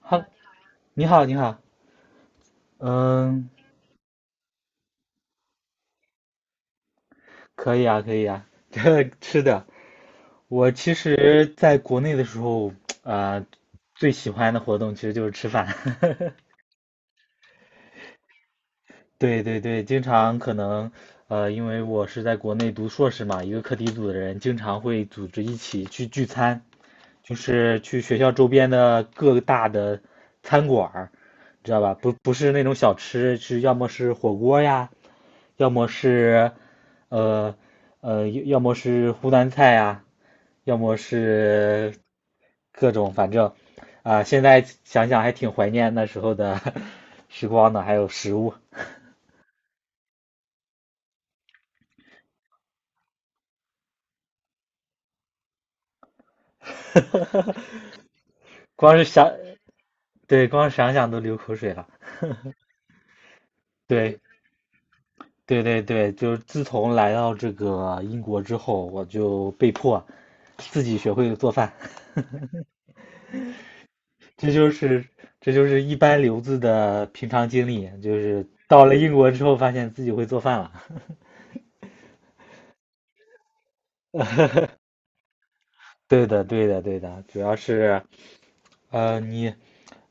好，你好，你好，嗯，可以啊，可以啊。这吃的，我其实在国内的时候，呃，最喜欢的活动其实就是吃饭。对对对，经常可能，因为我是在国内读硕士嘛，一个课题组的人经常会组织一起去聚餐，就是去学校周边的各大的餐馆儿，知道吧？不是那种小吃，是要么是火锅呀，要么是，呃要么是湖南菜呀，要么是各种，反正啊，现在想想还挺怀念那时候的 时光的，还有食物。光是想，对，光想想都流口水了。对，对对对，就是自从来到这个英国之后，我就被迫自己学会了做饭，这就是这就是一般留子的平常经历，就是到了英国之后，发现自己会做饭了。对的，对的，对的，主要是呃，你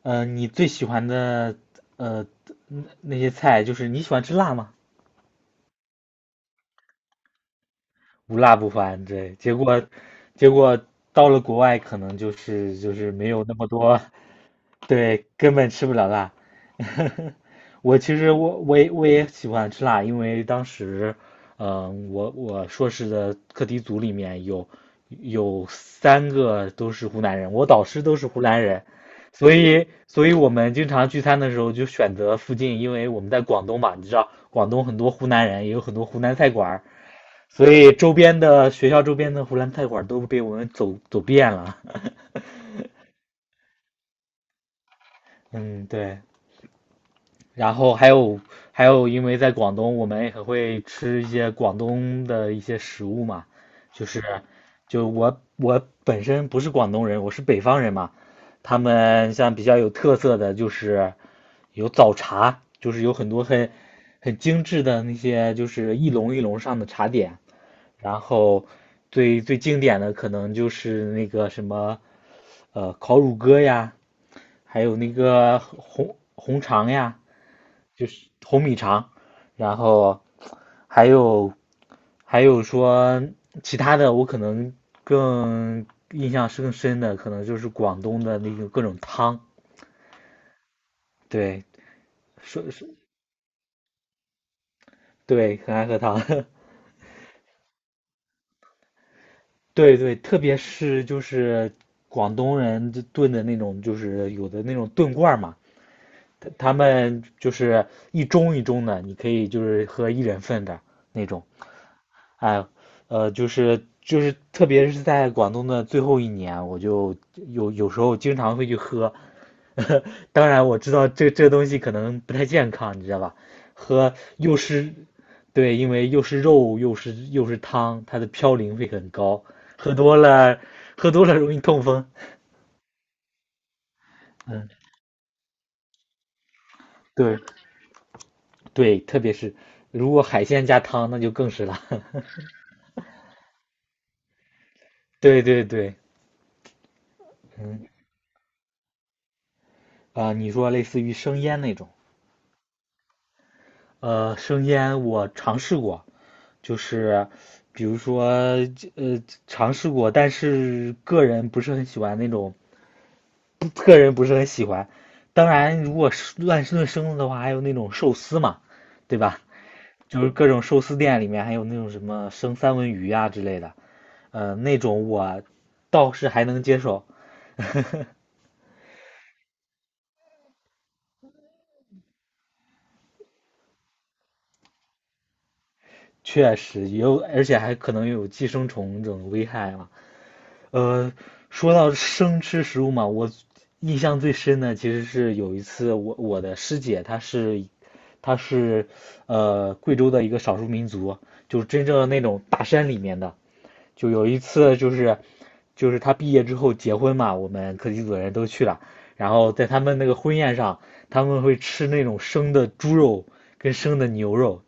你最喜欢的呃那些菜，就是你喜欢吃辣吗？无辣不欢，对，结果到了国外可能就是没有那么多，对，根本吃不了辣。我其实我我也我也喜欢吃辣，因为当时，我硕士的课题组里面有三个都是湖南人，我导师都是湖南人，所以我们经常聚餐的时候就选择附近，因为我们在广东嘛，你知道广东很多湖南人，也有很多湖南菜馆儿，所以周边的学校周边的湖南菜馆儿都被我们走遍了。嗯，对。然后还有，因为在广东，我们也很会吃一些广东的一些食物嘛，就是我本身不是广东人，我是北方人嘛，他们像比较有特色的就是有早茶，就是有很多很精致的那些就是一笼一笼上的茶点，然后最最经典的可能就是那个什么烤乳鸽呀，还有那个红肠呀。就是红米肠，然后还有还有说其他的，我可能更，印象是更深的，可能就是广东的那种各种汤，对，说是，对，很爱喝汤，对对，特别是就是广东人就炖的那种，就是有的那种炖罐儿嘛，他们就是一盅一盅的，你可以就是喝一人份的那种，哎，就是，特别是在广东的最后一年，我就有时候经常会去喝。当然，我知道这东西可能不太健康，你知道吧？喝又是，对，因为又是肉又是汤，它的嘌呤会很高，喝多了喝多了容易痛风。嗯，对对，特别是如果海鲜加汤，那就更是了。对对对，嗯啊，你说类似于生腌那种。生腌我尝试过，就是比如说尝试过，但是个人不是很喜欢那种，个人不是很喜欢。当然，如果是乱炖生的的话，还有那种寿司嘛，对吧？就是各种寿司店里面还有那种什么生三文鱼啊之类的，那种我倒是还能接受，确实有，而且还可能有寄生虫这种危害嘛。呃，说到生吃食物嘛，我印象最深的其实是有一次我的师姐她是贵州的一个少数民族，就是真正的那种大山里面的。就有一次就是她毕业之后结婚嘛，我们课题组的人都去了，然后在他们那个婚宴上，他们会吃那种生的猪肉跟生的牛肉，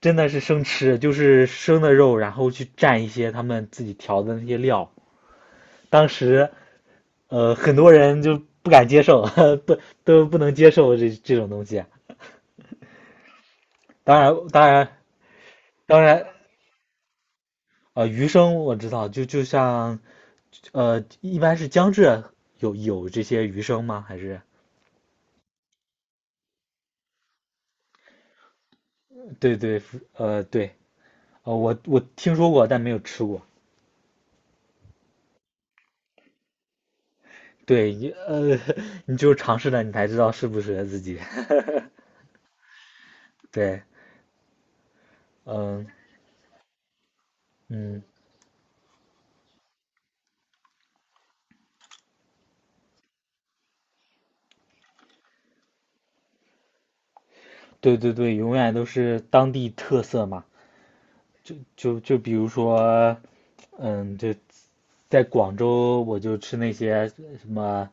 真的是生吃，就是生的肉，然后去蘸一些他们自己调的那些料。当时很多人就不敢接受，都都不能接受这种东西啊。当然，当然，当然，鱼生我知道，就像，一般是江浙有这些鱼生吗？还是，对对，对，我听说过，但没有吃过。对，你就有尝试了，你才知道适不适合自己。对，嗯嗯，对对对，永远都是当地特色嘛。就比如说，嗯，就。在广州我就吃那些什么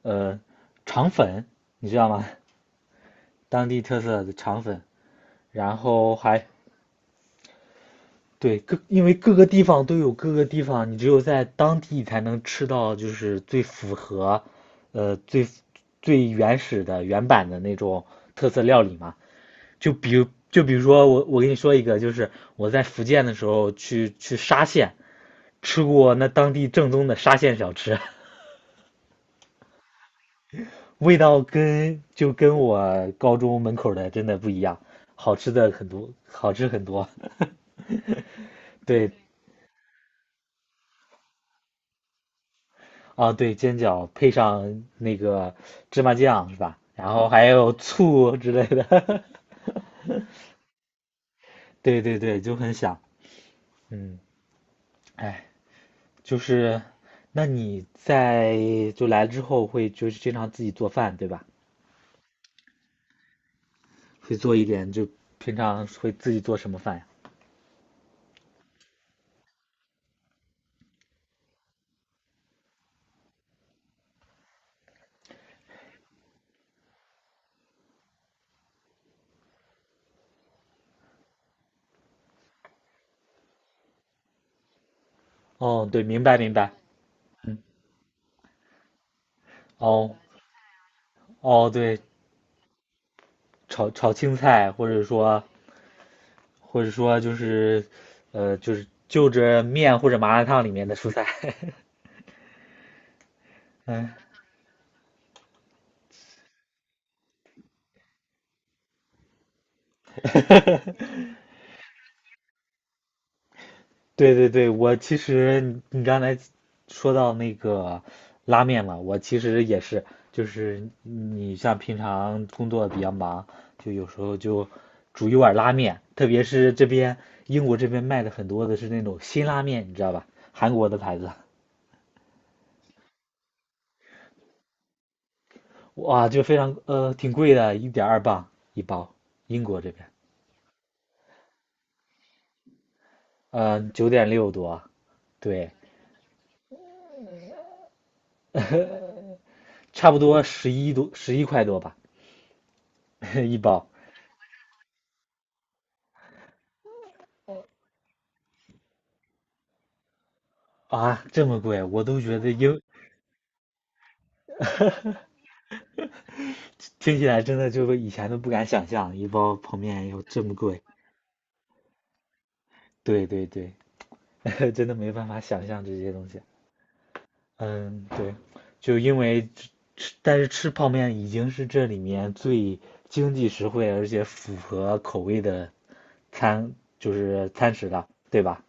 呃肠粉，你知道吗？当地特色的肠粉，然后还，对，各，因为各个地方都有各个地方，你只有在当地才能吃到就是最符合最最原始的原版的那种特色料理嘛。就比如说我跟你说一个，就是我在福建的时候去沙县吃过那当地正宗的沙县小吃。味道跟，就跟我高中门口的真的不一样，好吃的很多，好吃很多。对，啊，对，煎饺配上那个芝麻酱是吧？然后还有醋之类的，对对对，就很想，嗯，哎，就是，那你在，就来了之后会就是经常自己做饭对吧？会做一点，就平常会自己做什么饭呀？哦，对，明白明白。哦哦，对，炒青菜，或者说就是就着面或者麻辣烫里面的蔬菜。嗯，对对对，我其实你刚才说到那个拉面嘛，我其实也是，就是你像平常工作比较忙，就有时候就煮一碗拉面，特别是这边英国这边卖的很多的是那种辛拉面，你知道吧？韩国的牌子，哇，就非常挺贵的，1.2磅一包，英国这边，9.6多，对，差不多11多，11块多吧，一包，啊，这么贵，我都觉得，听起来真的就是以前都不敢想象，一包泡面要这么贵。对对对，真的没办法想象这些东西。嗯，对，就因为吃，但是吃泡面已经是这里面最经济实惠，而且符合口味的餐，就是餐食了，对吧？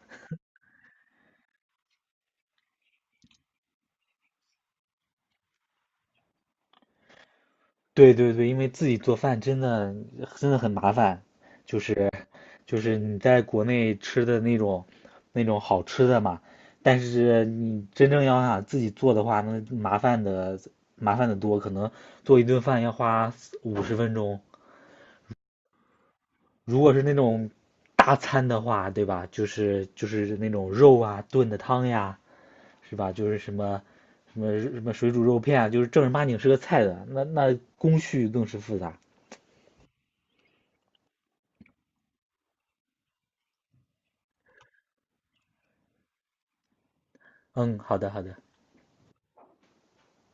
对对对，因为自己做饭真的真的很麻烦，就是就是你在国内吃的那种好吃的嘛，但是你真正要想自己做的话，那麻烦的多，可能做一顿饭要花50分钟。如果是那种大餐的话，对吧？就是那种肉啊炖的汤呀，是吧？就是什么什么什么水煮肉片啊，就是正儿八经是个菜的，那工序更是复杂。嗯，好的好的。